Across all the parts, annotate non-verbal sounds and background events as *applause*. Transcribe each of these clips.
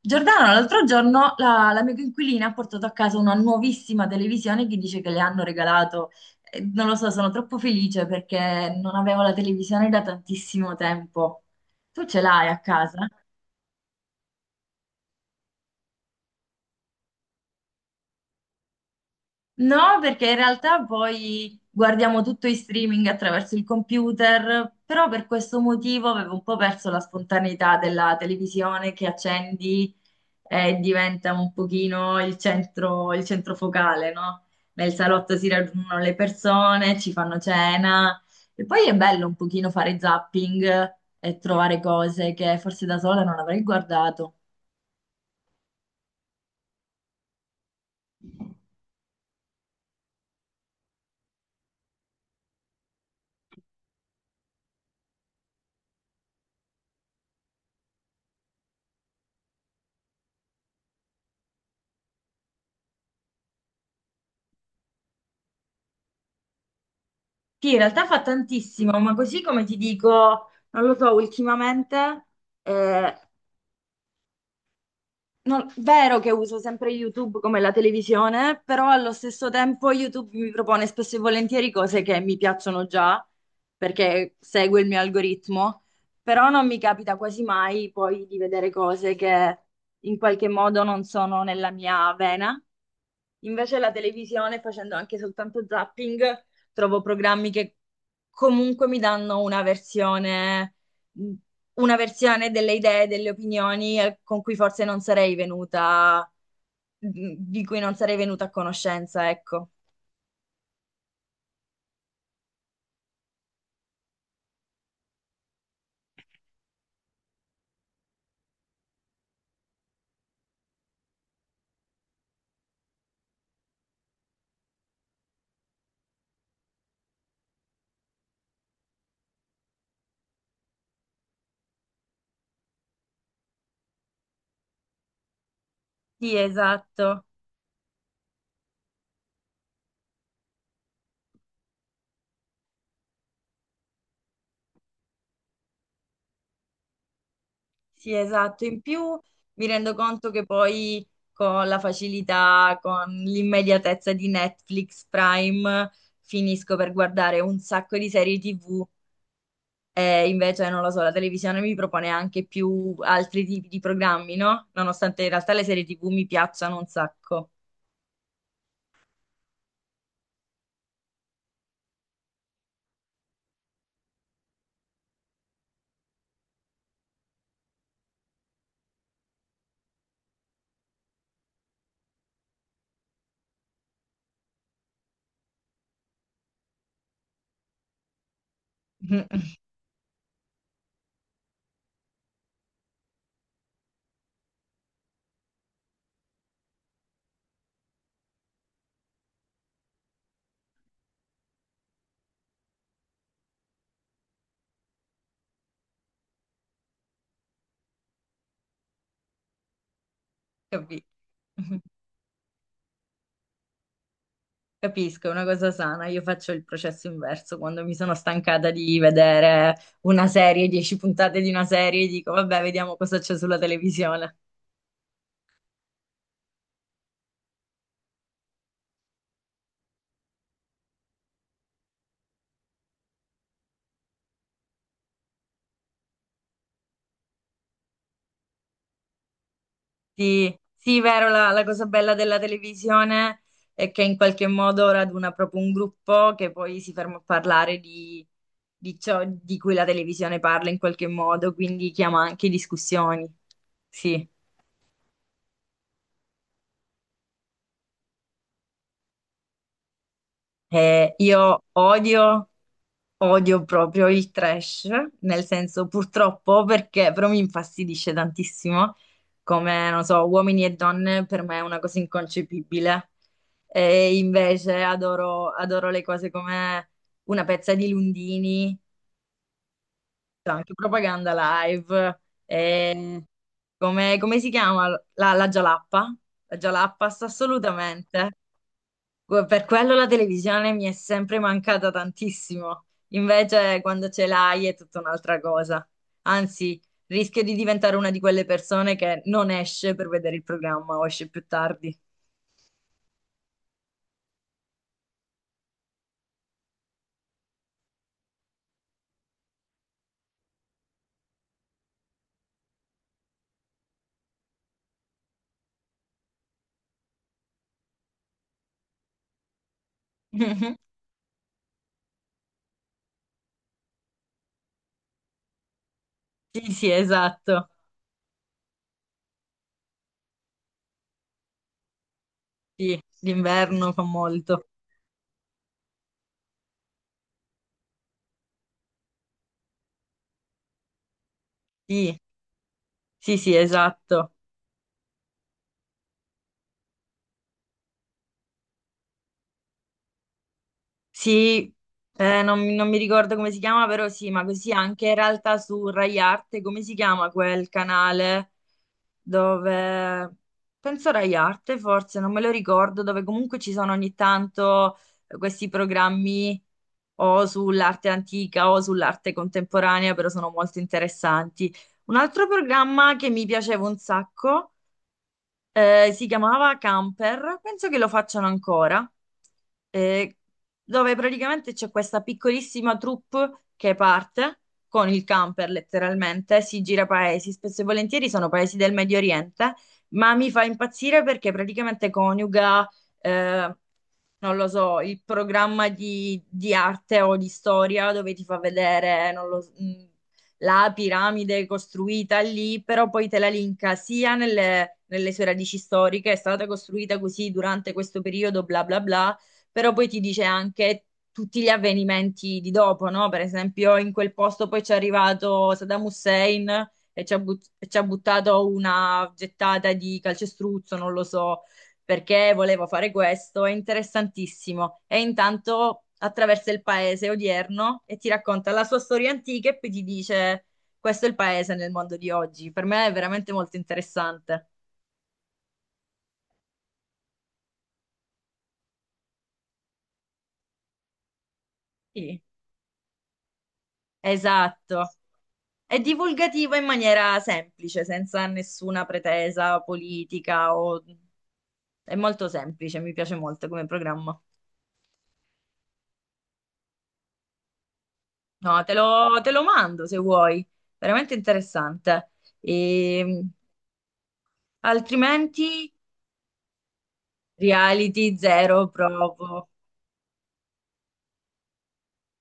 Giordano, l'altro giorno la mia coinquilina ha portato a casa una nuovissima televisione che dice che le hanno regalato. Non lo so, sono troppo felice perché non avevo la televisione da tantissimo tempo. Tu ce l'hai a casa? No, perché in realtà poi guardiamo tutto in streaming attraverso il computer, però per questo motivo avevo un po' perso la spontaneità della televisione che accendi e diventa un pochino il centro focale, no? Nel salotto si raggiungono le persone, ci fanno cena e poi è bello un pochino fare zapping e trovare cose che forse da sola non avrei guardato. Sì, in realtà fa tantissimo, ma così come ti dico, non lo so, ultimamente eh, non- vero che uso sempre YouTube come la televisione, però allo stesso tempo YouTube mi propone spesso e volentieri cose che mi piacciono già, perché segue il mio algoritmo, però non mi capita quasi mai poi di vedere cose che in qualche modo non sono nella mia vena. Invece la televisione, facendo anche soltanto zapping, trovo programmi che comunque mi danno una versione delle idee, delle opinioni con cui forse non sarei venuta, di cui non sarei venuta a conoscenza, ecco. Sì, esatto, sì, esatto. In più mi rendo conto che poi con la facilità, con l'immediatezza di Netflix Prime, finisco per guardare un sacco di serie TV. E invece, non lo so, la televisione mi propone anche più altri tipi di programmi, no? Nonostante in realtà le serie TV mi piacciono un sacco. *laughs* Capi- Capisco, è una cosa sana. Io faccio il processo inverso. Quando mi sono stancata di vedere una serie, dieci puntate di una serie, dico, vabbè, vediamo cosa c'è sulla televisione. Sì, sì, vero, la cosa bella della televisione è che in qualche modo raduna proprio un gruppo che poi si ferma a parlare di, ciò di cui la televisione parla in qualche modo, quindi chiama anche discussioni. Sì. Io odio proprio il trash, nel senso purtroppo perché però mi infastidisce tantissimo, come non so, uomini e donne per me è una cosa inconcepibile. E invece adoro le cose come una pezza di Lundini, cioè anche Propaganda Live, e come si chiama? La Gialappa, la Gialappa assolutamente. Per quello la televisione mi è sempre mancata tantissimo. Invece, quando ce l'hai è tutta un'altra cosa. Anzi, rischio di diventare una di quelle persone che non esce per vedere il programma o esce più tardi. *laughs* Sì, sì, esatto. Sì, l'inverno fa molto. Sì, sì, sì, esatto. Sì, non mi ricordo come si chiama, però sì, ma così anche in realtà su Rai Arte, come si chiama quel canale dove, penso Rai Arte forse, non me lo ricordo, dove comunque ci sono ogni tanto questi programmi o sull'arte antica o sull'arte contemporanea, però sono molto interessanti. Un altro programma che mi piaceva un sacco si chiamava Camper, penso che lo facciano ancora, eh, dove praticamente c'è questa piccolissima troupe che parte con il camper letteralmente, si gira paesi, spesso e volentieri sono paesi del Medio Oriente, ma mi fa impazzire perché praticamente coniuga eh, non lo so, il programma di, arte o di storia dove ti fa vedere, non lo s- la piramide costruita lì, però poi te la linka sia nelle, sue radici storiche, è stata costruita così durante questo periodo, bla bla bla, però poi ti dice anche tutti gli avvenimenti di dopo, no? Per esempio, in quel posto poi c'è arrivato Saddam Hussein. E ci ha buttato una gettata di calcestruzzo, non lo so perché volevo fare questo, è interessantissimo. E intanto attraversa il paese odierno e ti racconta la sua storia antica e poi ti dice questo è il paese nel mondo di oggi. Per me è veramente molto interessante. Sì. Esatto. È divulgativa in maniera semplice, senza nessuna pretesa politica o... È molto semplice, mi piace molto come programma. No, te lo mando se vuoi. Veramente interessante. E, altrimenti reality zero proprio.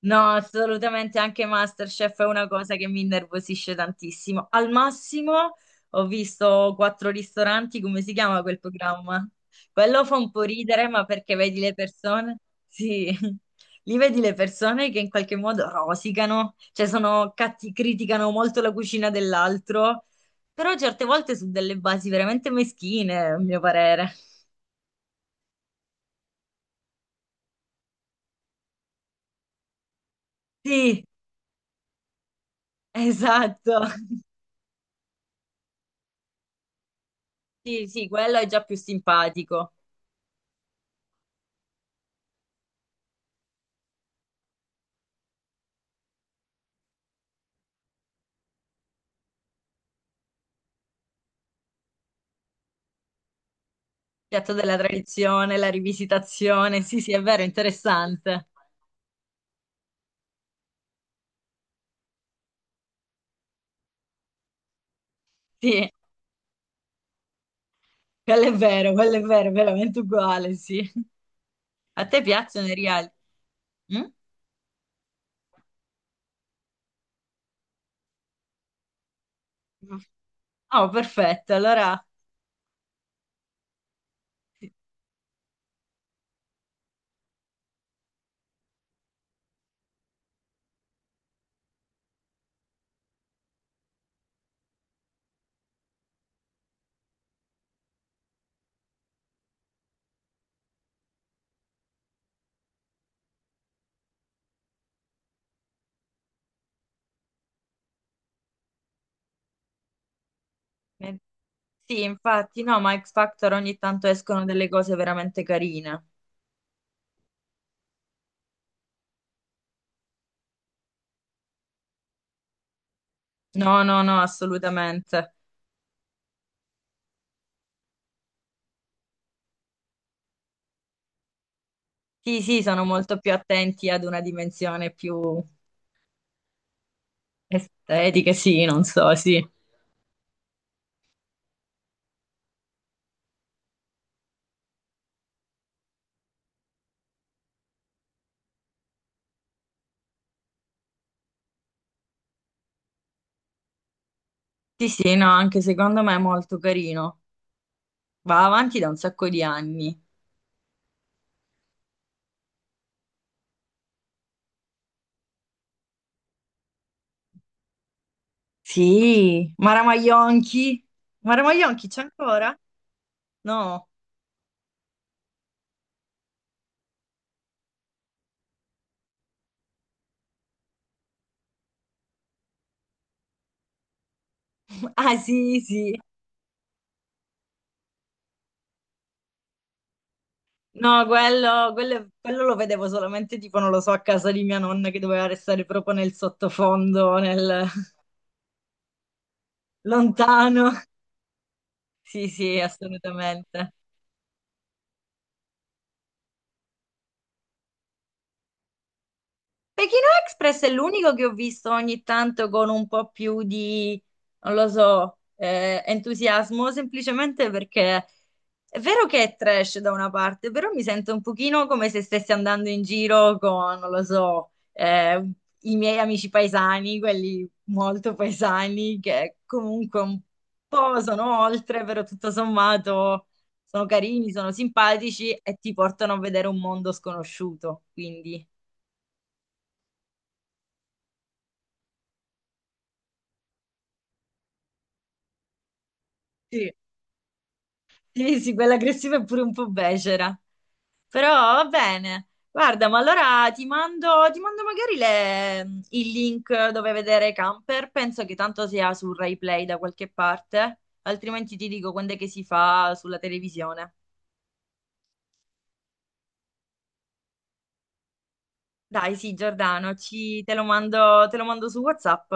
No, assolutamente anche MasterChef è una cosa che mi innervosisce tantissimo. Al massimo ho visto quattro ristoranti, come si chiama quel programma? Quello fa un po' ridere, ma perché vedi le persone? Sì, *laughs* lì vedi le persone che in qualche modo rosicano, cioè sono catti, criticano molto la cucina dell'altro, però certe volte su delle basi veramente meschine, a mio parere. Sì, esatto. Sì, sì, quello è già più simpatico. Piatto della tradizione, la rivisitazione, sì, sì, è vero, interessante. Sì, quello è vero, veramente uguale, sì. A te piacciono i reali? Mm? Oh, perfetto, allora... eh, Sì, infatti, no, ma X Factor ogni tanto escono delle cose veramente carine. No, no, no, assolutamente. Sì, sì, sono molto più attenti ad una dimensione più estetica, sì, non so, sì. Sì, sì, no, anche secondo me è molto carino. Va avanti da un sacco di anni. Sì, Mara Maionchi. Mara Maionchi c'è ancora? No. *laughs* Ah, sì, sì. No, quello lo vedevo solamente tipo, non lo so, a casa di mia nonna che doveva restare proprio nel sottofondo, nel *laughs* lontano. Sì, sì, assolutamente. Pechino Express è l'unico che ho visto ogni tanto con un po' più di, non lo so, entusiasmo, semplicemente perché è vero che è trash da una parte, però mi sento un pochino come se stessi andando in giro con, non lo so, i miei amici paesani, quelli molto paesani, che comunque un po' sono oltre, però tutto sommato sono carini, sono simpatici e ti portano a vedere un mondo sconosciuto, quindi... Sì, sì, quella aggressiva è pure un po' becera. Però va bene. Guarda, ma allora ti mando magari il link dove vedere Camper. Penso che tanto sia su Rai Play da qualche parte. Altrimenti ti dico quando è che si fa sulla televisione. Dai, sì, Giordano, te lo mando su WhatsApp.